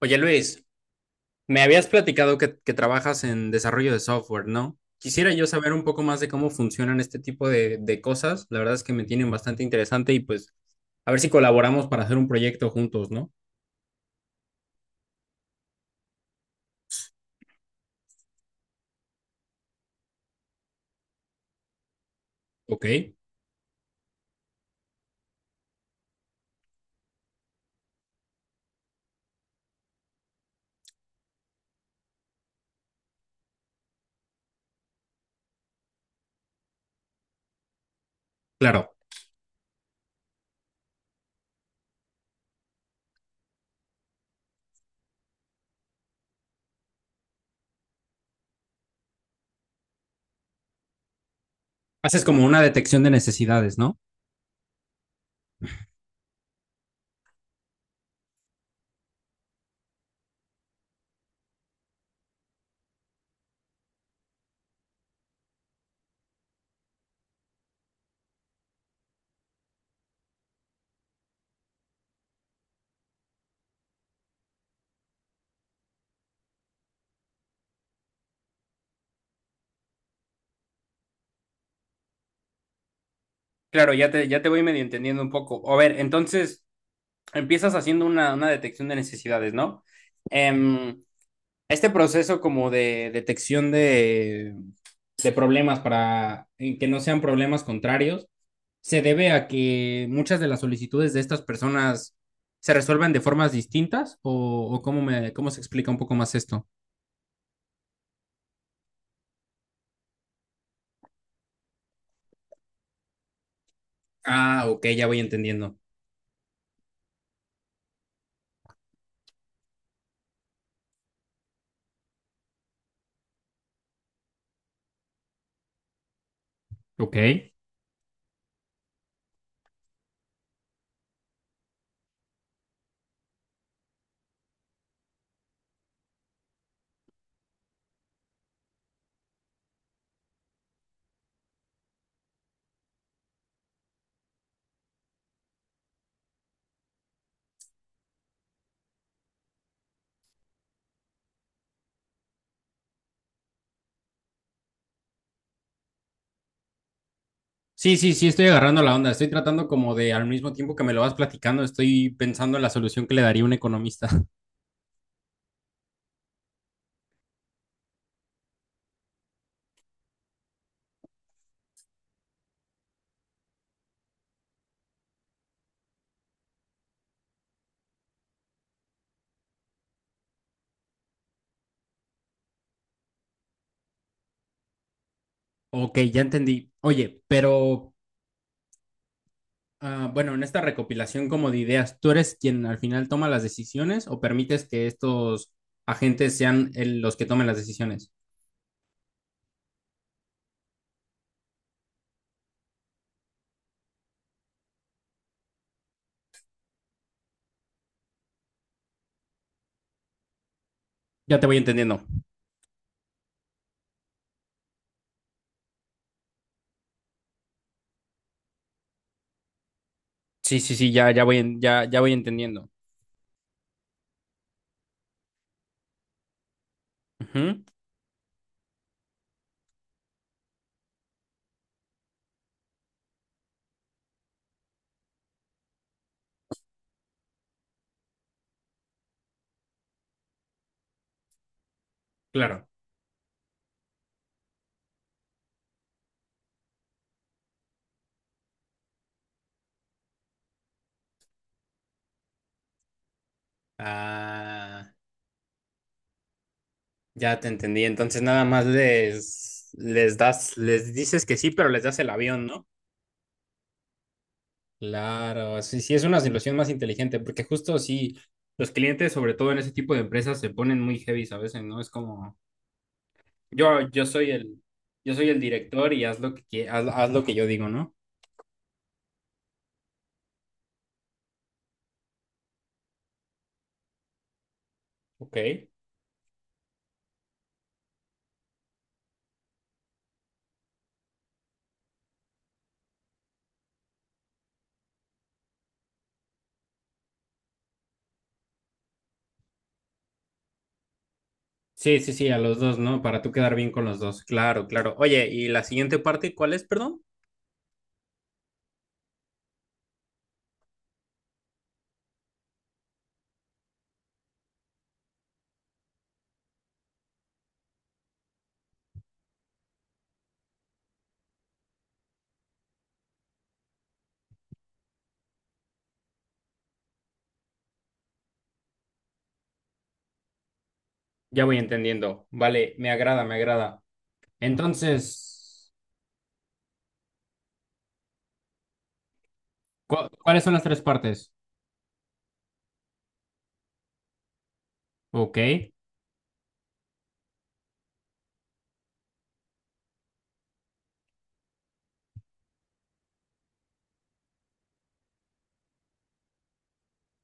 Oye Luis, me habías platicado que trabajas en desarrollo de software, ¿no? Quisiera yo saber un poco más de cómo funcionan este tipo de cosas. La verdad es que me tienen bastante interesante y pues a ver si colaboramos para hacer un proyecto juntos, ¿no? Ok, claro. Haces como una detección de necesidades, ¿no? Claro, ya te voy medio entendiendo un poco. A ver, entonces empiezas haciendo una detección de necesidades, ¿no? Em, este proceso como de detección de problemas para en que no sean problemas contrarios se debe a que muchas de las solicitudes de estas personas se resuelven de formas distintas o cómo me cómo se explica un poco más esto. Ah, ok, ya voy entendiendo. Ok. Sí, sí, sí, estoy agarrando la onda. Estoy tratando como de, al mismo tiempo que me lo vas platicando, estoy pensando en la solución que le daría un economista. Ok, ya entendí. Oye, pero ah, bueno, en esta recopilación como de ideas, ¿tú eres quien al final toma las decisiones o permites que estos agentes sean los que tomen las decisiones? Ya te voy entendiendo. Sí, sí, sí, ya, ya voy, ya, ya voy entendiendo. Ujú, claro. Ah, ya te entendí. Entonces nada más les das, les dices que sí, pero les das el avión, ¿no? Claro, sí, sí, es una solución más inteligente, porque justo sí, los clientes, sobre todo en ese tipo de empresas, se ponen muy heavy a veces, ¿no? Es como... Yo soy el, yo soy el director y haz lo que haz, haz lo que yo digo, ¿no? Ok. Sí, sí, sí, a los dos, ¿no? Para tú quedar bien con los dos. Claro, claro. Oye, ¿y la siguiente parte cuál es, perdón? Ya voy entendiendo. Vale, me agrada, me agrada. Entonces, ¿cuáles son las tres partes? Ok,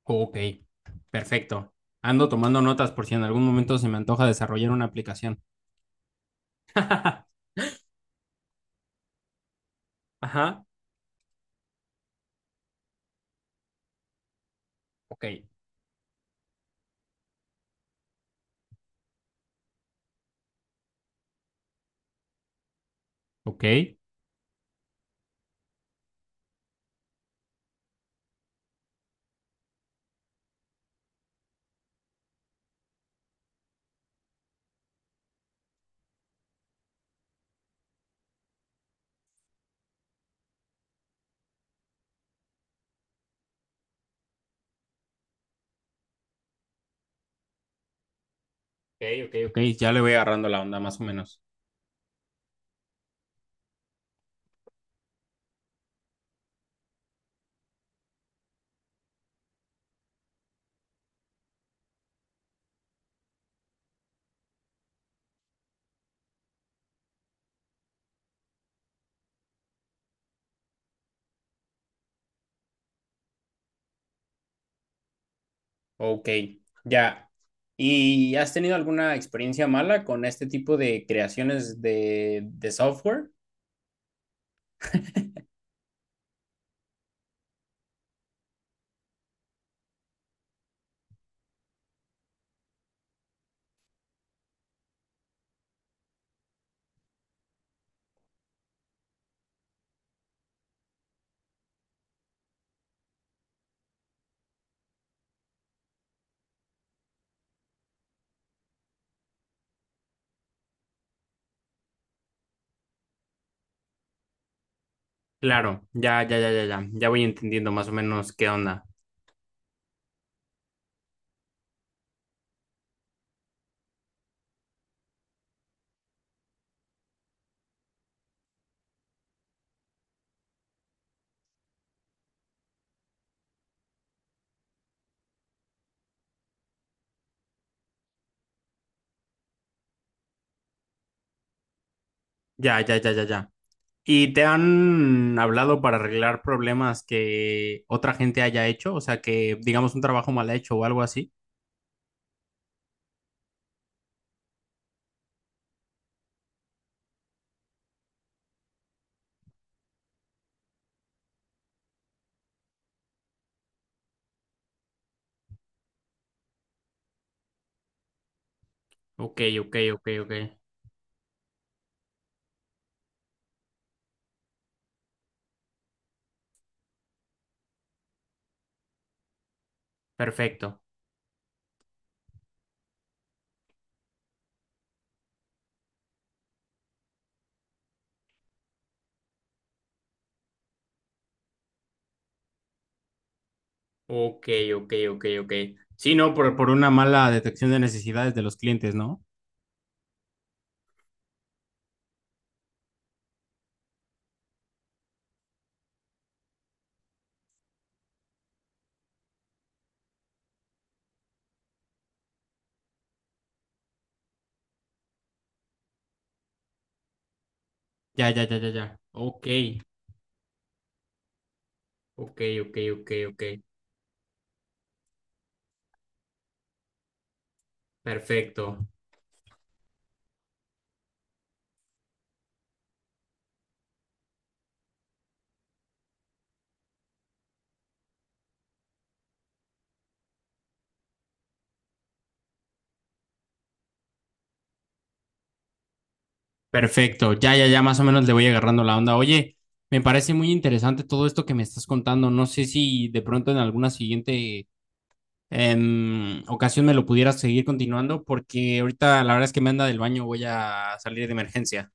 ok, perfecto. Ando tomando notas por si en algún momento se me antoja desarrollar una aplicación. Ajá, ok, ok, ok, ok, ok. Ya le voy agarrando la onda, más o menos. Ok, ya. ¿Y has tenido alguna experiencia mala con este tipo de creaciones de software? Claro, ya, ya, ya, ya, ya. Ya voy entendiendo más o menos qué onda. Ya, ya, ya, ya, ya. ¿Y te han hablado para arreglar problemas que otra gente haya hecho? O sea, que digamos un trabajo mal hecho o algo así. Ok, ok, ok, ok. Perfecto. Ok, ok, ok, ok. Sí, no, por una mala detección de necesidades de los clientes, ¿no? Ya, ya, ya, ya, ya. Ok. Ok, ok, ok, ok. Perfecto, perfecto. Ya, ya, ya, más o menos le voy agarrando la onda. Oye, me parece muy interesante todo esto que me estás contando. No sé si de pronto en alguna siguiente ocasión me lo pudieras seguir continuando, porque ahorita la verdad es que me anda del baño, voy a salir de emergencia.